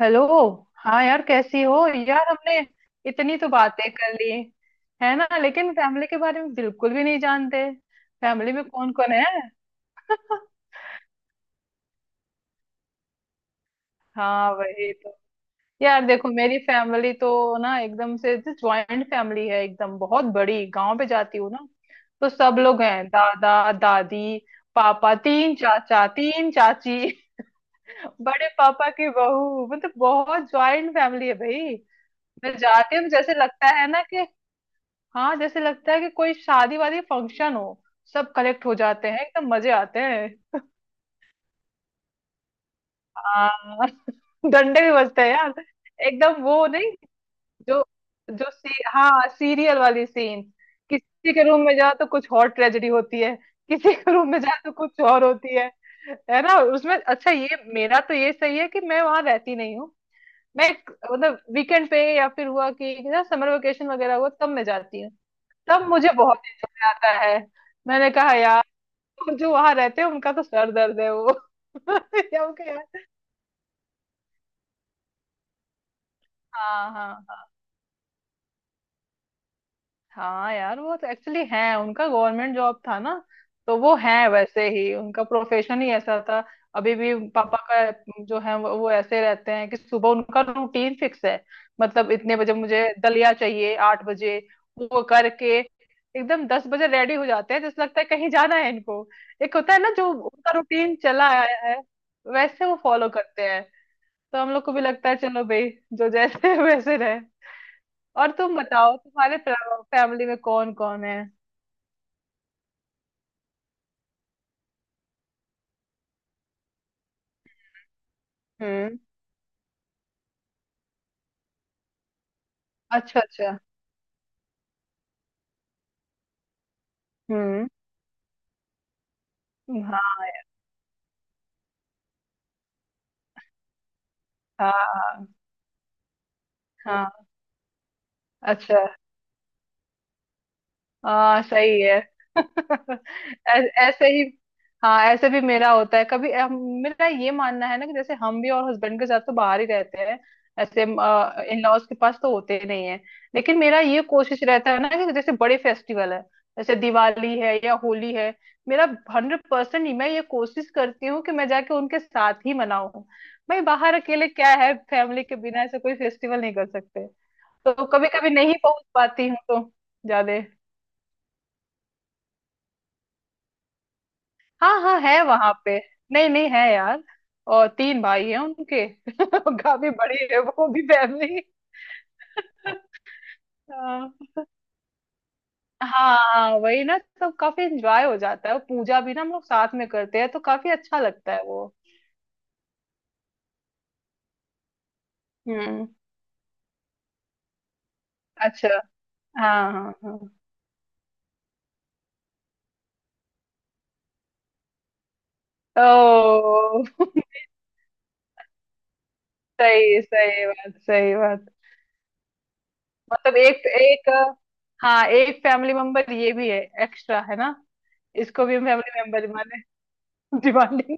Hello. हाँ यार, कैसी हो। यार, हमने इतनी तो बातें कर ली है ना, लेकिन फैमिली के बारे में बिल्कुल भी नहीं जानते। फैमिली में कौन कौन है। हाँ वही तो। यार देखो, मेरी फैमिली तो ना एकदम से ज्वाइंट फैमिली है, एकदम बहुत बड़ी। गांव पे जाती हूँ ना, तो सब लोग हैं। दादा दादी, पापा, तीन चाचा तीन चाची, बड़े पापा की बहू, मतलब बहुत ज्वाइंट फैमिली है भाई। मैं जाती हूँ तो जैसे लगता है ना कि, हाँ जैसे लगता है कि कोई शादी वादी फंक्शन हो। सब कलेक्ट हो जाते हैं, एकदम मजे आते हैं। हाँ डंडे भी बजते हैं यार। एकदम वो नहीं, जो जो सी, हाँ सीरियल वाली सीन। किसी के रूम में जाओ तो कुछ और ट्रेजेडी होती है। किसी के रूम में जाओ तो कुछ और होती है। है ना उसमें। अच्छा, ये मेरा तो ये सही है कि मैं वहां रहती नहीं हूँ। मतलब वीकेंड पे, या फिर हुआ कि ना समर वेकेशन वगैरह हुआ, तब मैं जाती हूँ। तब मुझे बहुत enjoy आता है। मैंने कहा यार, और जो वहां रहते हैं उनका तो सर दर्द है वो। या उनके यार। हाँ हाँ हाँ। हाँ यार वो तो एक्चुअली है, उनका गवर्नमेंट जॉब था ना, तो वो है वैसे ही। उनका प्रोफेशन ही ऐसा था। अभी भी पापा का जो है वो ऐसे रहते हैं कि सुबह उनका रूटीन फिक्स है। मतलब इतने बजे मुझे दलिया चाहिए, 8 बजे। वो करके एकदम 10 बजे रेडी हो जाते हैं, जैसे लगता है कहीं जाना है इनको। एक होता है ना जो उनका रूटीन चला आया है, वैसे वो फॉलो करते हैं। तो हम लोग को भी लगता है चलो भाई, जो जैसे है वैसे रहे। और तुम बताओ, तुम्हारे फैमिली में कौन कौन है। हम्म। अच्छा अच्छा। हम्म। हाँ हाँ हाँ हाँ, अच्छा। हाँ सही है। ऐ- ऐसे ही। हाँ ऐसे भी मेरा होता है कभी। मेरा ये मानना है ना कि जैसे हम भी, और हस्बैंड के साथ तो बाहर ही रहते हैं। ऐसे इन लॉज के पास तो होते ही नहीं है। लेकिन मेरा ये कोशिश रहता है ना कि जैसे बड़े फेस्टिवल है, जैसे दिवाली है या होली है, मेरा 100% मैं ये कोशिश करती हूँ कि मैं जाके उनके साथ ही मनाऊं। भाई बाहर अकेले क्या है, फैमिली के बिना ऐसे कोई फेस्टिवल नहीं कर सकते। तो कभी कभी नहीं पहुंच पाती हूँ तो ज्यादा। हाँ हाँ, है वहां पे। नहीं नहीं, है यार, और तीन भाई हैं उनके। काफी बड़ी है वो भी फैमिली। हाँ हाँ वही ना, तो काफी एंजॉय हो जाता है। और पूजा भी ना हम लोग साथ में करते हैं, तो काफी अच्छा लगता है वो। हम्म। अच्छा। हाँ हाँ हाँ। ओ सही सही बात, सही बात। मतलब एक एक। हाँ, एक फैमिली मेंबर ये भी है। एक्स्ट्रा है ना। इसको भी हम फैमिली मेंबर माने। डिमांडिंग।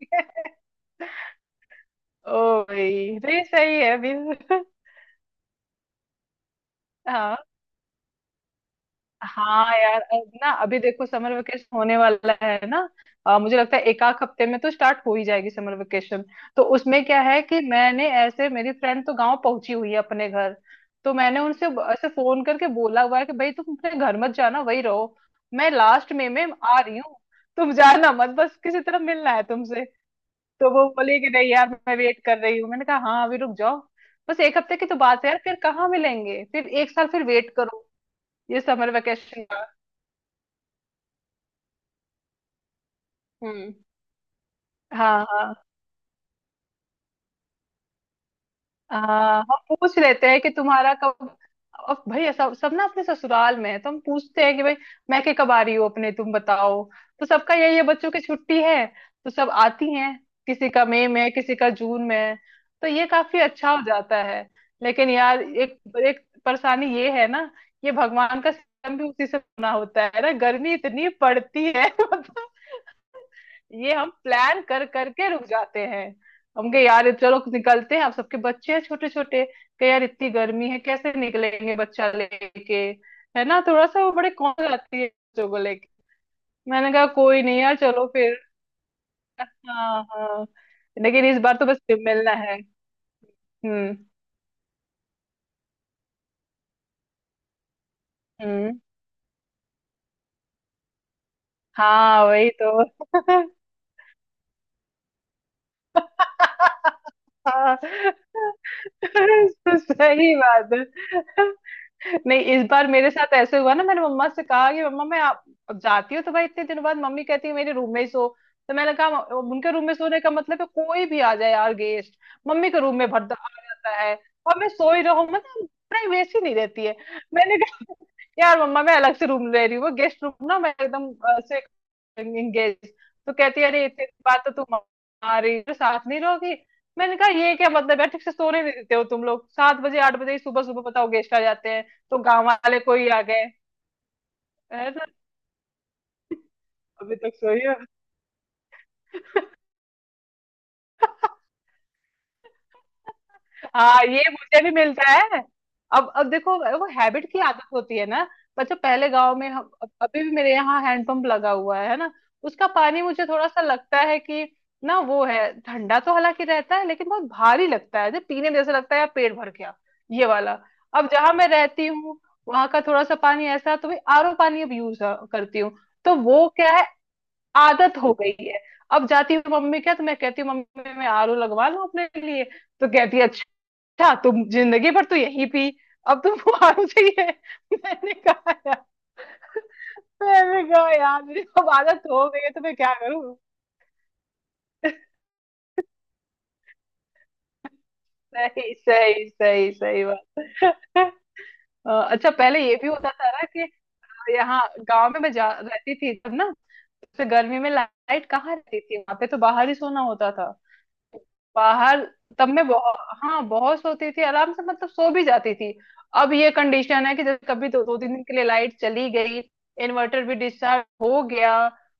ओ भाई, तो ये सही है अभी। हाँ हाँ यार। अब ना अभी देखो, समर वेकेशन होने वाला है ना। मुझे लगता है एक आध हफ्ते में तो स्टार्ट हो ही जाएगी समर वेकेशन। तो उसमें क्या है कि मैंने ऐसे, मेरी फ्रेंड तो गांव पहुंची हुई है अपने घर। तो मैंने ऐसे फोन करके बोला हुआ है कि भाई तुम अपने घर मत जाना, वही रहो, मैं लास्ट में आ रही हूँ। तुम जाना मत, बस किसी तरह मिलना है तुमसे। तो वो बोली कि नहीं यार, मैं वेट कर रही हूँ। मैंने कहा हाँ अभी रुक जाओ, बस एक हफ्ते की तो बात है यार, फिर कहाँ मिलेंगे, फिर एक साल फिर वेट करो। ये समर वेकेशन का। हम्म। हाँ हाँ। हम पूछ लेते हैं कि तुम्हारा कब, अब भाई सब सब ना अपने ससुराल में है, तो हम पूछते हैं कि भाई, मैं के कब आ रही हूँ अपने, तुम बताओ। तो सबका यही है, बच्चों की छुट्टी है तो सब आती हैं। किसी का मई में है, किसी का जून में है। तो ये काफी अच्छा हो जाता है। लेकिन यार एक, एक परेशानी ये है ना, ये भगवान का सिस्टम भी उसी से बना होता है ना, गर्मी इतनी पड़ती है। मतलब ये हम प्लान कर करके रुक जाते हैं। हम कहे यार चलो निकलते हैं, आप सबके बच्चे हैं छोटे छोटे, कहे यार इतनी गर्मी है, कैसे निकलेंगे बच्चा लेके। है ना थोड़ा सा वो, बड़े कौन जाती है बच्चों को लेके। मैंने कहा कोई नहीं यार, चलो फिर। हाँ हाँ। लेकिन इस बार तो बस मिलना है। हम्म हम्म। हाँ वही तो। हाँ, सही बात है। नहीं इस बार मेरे साथ ऐसे हुआ ना, मैंने मम्मा से कहा कि मम्मा मैं, आप अब जाती हूँ तो भाई इतने दिनों बाद, मम्मी कहती है मेरे रूम में ही सो। तो मैंने कहा, उनके रूम में सोने का मतलब है कोई भी आ जाए यार गेस्ट, मम्मी के रूम में भर आ जाता है, और मैं सो ही रहूं, मतलब प्राइवेसी नहीं रहती है। मैंने कहा यार मम्मा मैं अलग से रूम ले रही हूँ, गेस्ट रूम ना, मैं एकदम एंगेज। तो कहती है अरे इतनी बात तो तुम, आ रही तो साथ नहीं रहोगी। मैंने कहा ये क्या मतलब है, ठीक से सोने नहीं देते हो तुम लोग, 7 बजे 8 बजे ही सुबह सुबह, बताओ गेस्ट आ जाते हैं, तो गांव वाले कोई आ गए, है ना, अभी तक सोई हो। हाँ ये मुझे भी मिलता है। अब देखो वो हैबिट की आदत होती है ना। अच्छा पहले गांव में हम, अभी भी मेरे यहाँ हैंडपंप लगा हुआ है ना, उसका पानी मुझे थोड़ा सा लगता है कि ना, वो है ठंडा तो हालांकि रहता है, लेकिन बहुत भारी लगता है जो पीने में, जैसे लगता है यार पेट भर गया ये वाला। अब जहां मैं रहती हूँ, वहां का थोड़ा सा पानी ऐसा, तो भाई आरओ पानी अब यूज करती हूँ। तो वो क्या, आदत हो गई है। अब जाती हूँ मम्मी क्या तो मैं कहती हूँ, मम्मी मैं आरओ लगवा लूँ अपने लिए। तो कहती है अच्छा तुम जिंदगी भर तो यही पी, अब तुमको आरओ चाहिए। मैंने कहा यार मैंने कहा यार मेरी अब आदत हो गई है, तो मैं क्या करूँ। सही सही सही सही बात। अच्छा पहले ये भी होता था ना कि, यहाँ गांव में मैं जा रहती थी तब ना, तो गर्मी में लाइट कहाँ रहती थी वहां पे, तो बाहर ही सोना होता था, बाहर। तब मैं बहुत, हाँ बहुत सोती थी आराम से, मतलब सो भी जाती थी। अब ये कंडीशन है कि जब कभी दो दो तीन दिन के लिए लाइट चली गई, इन्वर्टर भी डिस्चार्ज हो गया,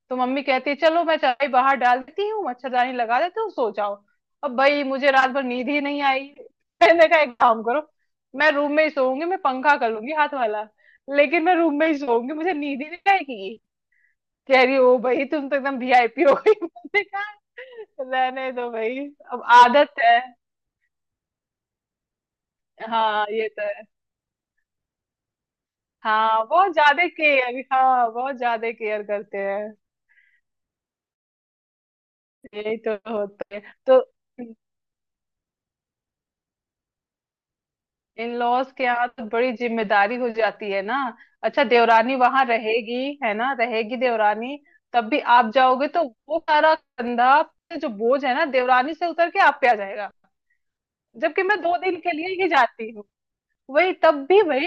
तो मम्मी कहती है चलो मैं चाय बाहर डाल देती हूँ, मच्छरदानी लगा देती हूँ सो जाओ। अब भाई मुझे रात भर नींद ही नहीं आई। मैंने कहा एक काम करो, मैं रूम में ही सोऊंगी, मैं पंखा कर लूंगी हाथ वाला, लेकिन मैं रूम में ही सोऊंगी, मुझे नींद ही नहीं आएगी। कह रही हो भाई तुम तो एकदम वीआईपी हो गई। मैंने कहा रहने दो भाई, अब आदत है। हाँ ये तो है। हाँ बहुत ज्यादा केयर, हाँ बहुत ज्यादा केयर करते हैं। यही तो होते हैं। तो इन लॉज के यहाँ तो बड़ी जिम्मेदारी हो जाती है ना। अच्छा देवरानी वहां रहेगी, है ना, रहेगी देवरानी। तब भी आप जाओगे तो वो सारा कंधा, जो बोझ है ना देवरानी से उतर के आप पे आ जाएगा। जबकि मैं 2 दिन के लिए ही जाती हूँ। वही, तब भी भाई।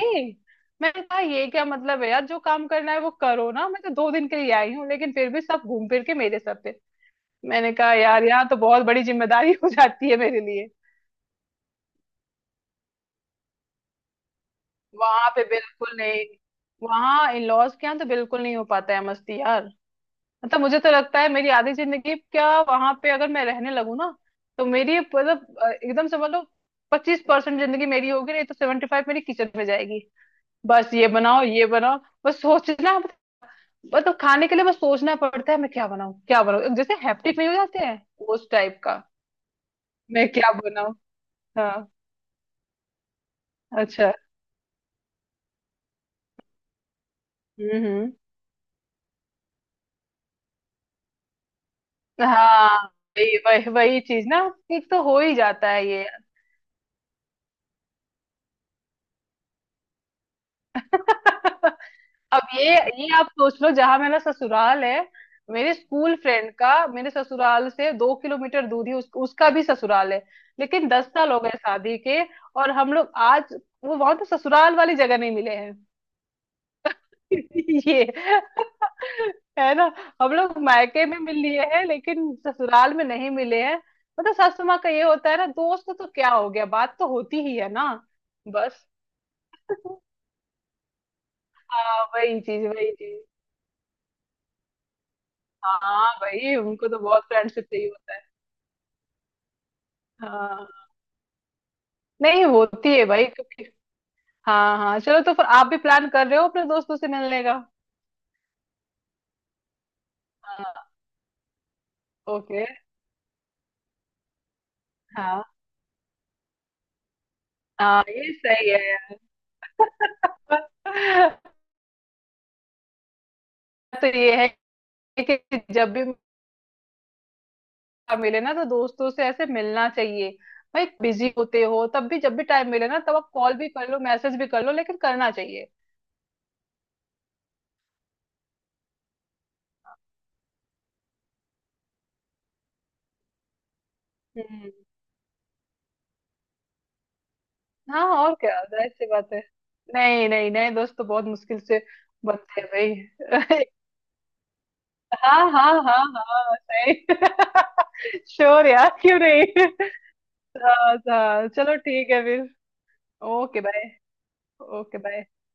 मैंने कहा ये क्या मतलब है यार, जो काम करना है वो करो ना, मैं तो 2 दिन के लिए आई हूँ, लेकिन फिर भी सब घूम फिर के मेरे सर पे। मैंने कहा यार यहाँ तो बहुत बड़ी जिम्मेदारी हो जाती है मेरे लिए। वहां पे बिल्कुल नहीं। वहां इन लॉज के यहाँ तो बिल्कुल नहीं हो पाता है मस्ती यार। मतलब मुझे तो लगता है मेरी आधी जिंदगी क्या, वहां पे अगर मैं रहने लगूँ ना, तो मेरी मतलब, एकदम समझ लो, 25% जिंदगी मेरी होगी, नहीं तो 75 मेरी किचन में जाएगी। बस ये बनाओ ये बनाओ, बस सोचना, बस तो खाने के लिए बस सोचना पड़ता है, मैं क्या बनाऊं क्या बनाऊं, जैसे हेप्टिक नहीं हो जाते हैं उस टाइप का। मैं क्या बनाऊं। हाँ। अच्छा। हम्म। हाँ वही वही वही चीज ना, एक तो हो ही जाता है ये। अब ये आप सोच लो, जहां मेरा ससुराल है, मेरे स्कूल फ्रेंड का मेरे ससुराल से 2 किलोमीटर दूर ही उसका भी ससुराल है। लेकिन 10 साल हो गए शादी के, और हम लोग आज, वो वहां तो ससुराल वाली जगह नहीं मिले हैं ये। है ना। हम लोग मायके में मिल लिए हैं, लेकिन ससुराल में नहीं मिले हैं। मतलब सासू माँ का ये होता है ना, दोस्त तो क्या हो गया, बात तो होती ही है ना। बस, हाँ वही चीज वही चीज। हाँ भाई उनको तो बहुत फ्रेंडशिप चाहिए होता है। हाँ नहीं होती है भाई क्योंकि, हाँ हाँ चलो, तो फिर आप भी प्लान कर रहे हो अपने दोस्तों से मिलने का। हाँ। ओके। हाँ हाँ ये सही है यार। तो ये है कि जब भी आप मिले ना, तो दोस्तों से ऐसे मिलना चाहिए भाई। बिजी होते हो तब भी, जब भी टाइम मिले ना, तब आप कॉल भी कर लो, मैसेज भी कर लो, लेकिन करना चाहिए। हम्म। हाँ और क्या, जाहिर सी बात है। नहीं नहीं, नए दोस्त तो बहुत मुश्किल से बनते हैं भाई। हाँ हाँ हाँ हाँ सही। श्योर यार क्यों नहीं। हाँ हाँ चलो ठीक है फिर। Okay bye. Okay bye.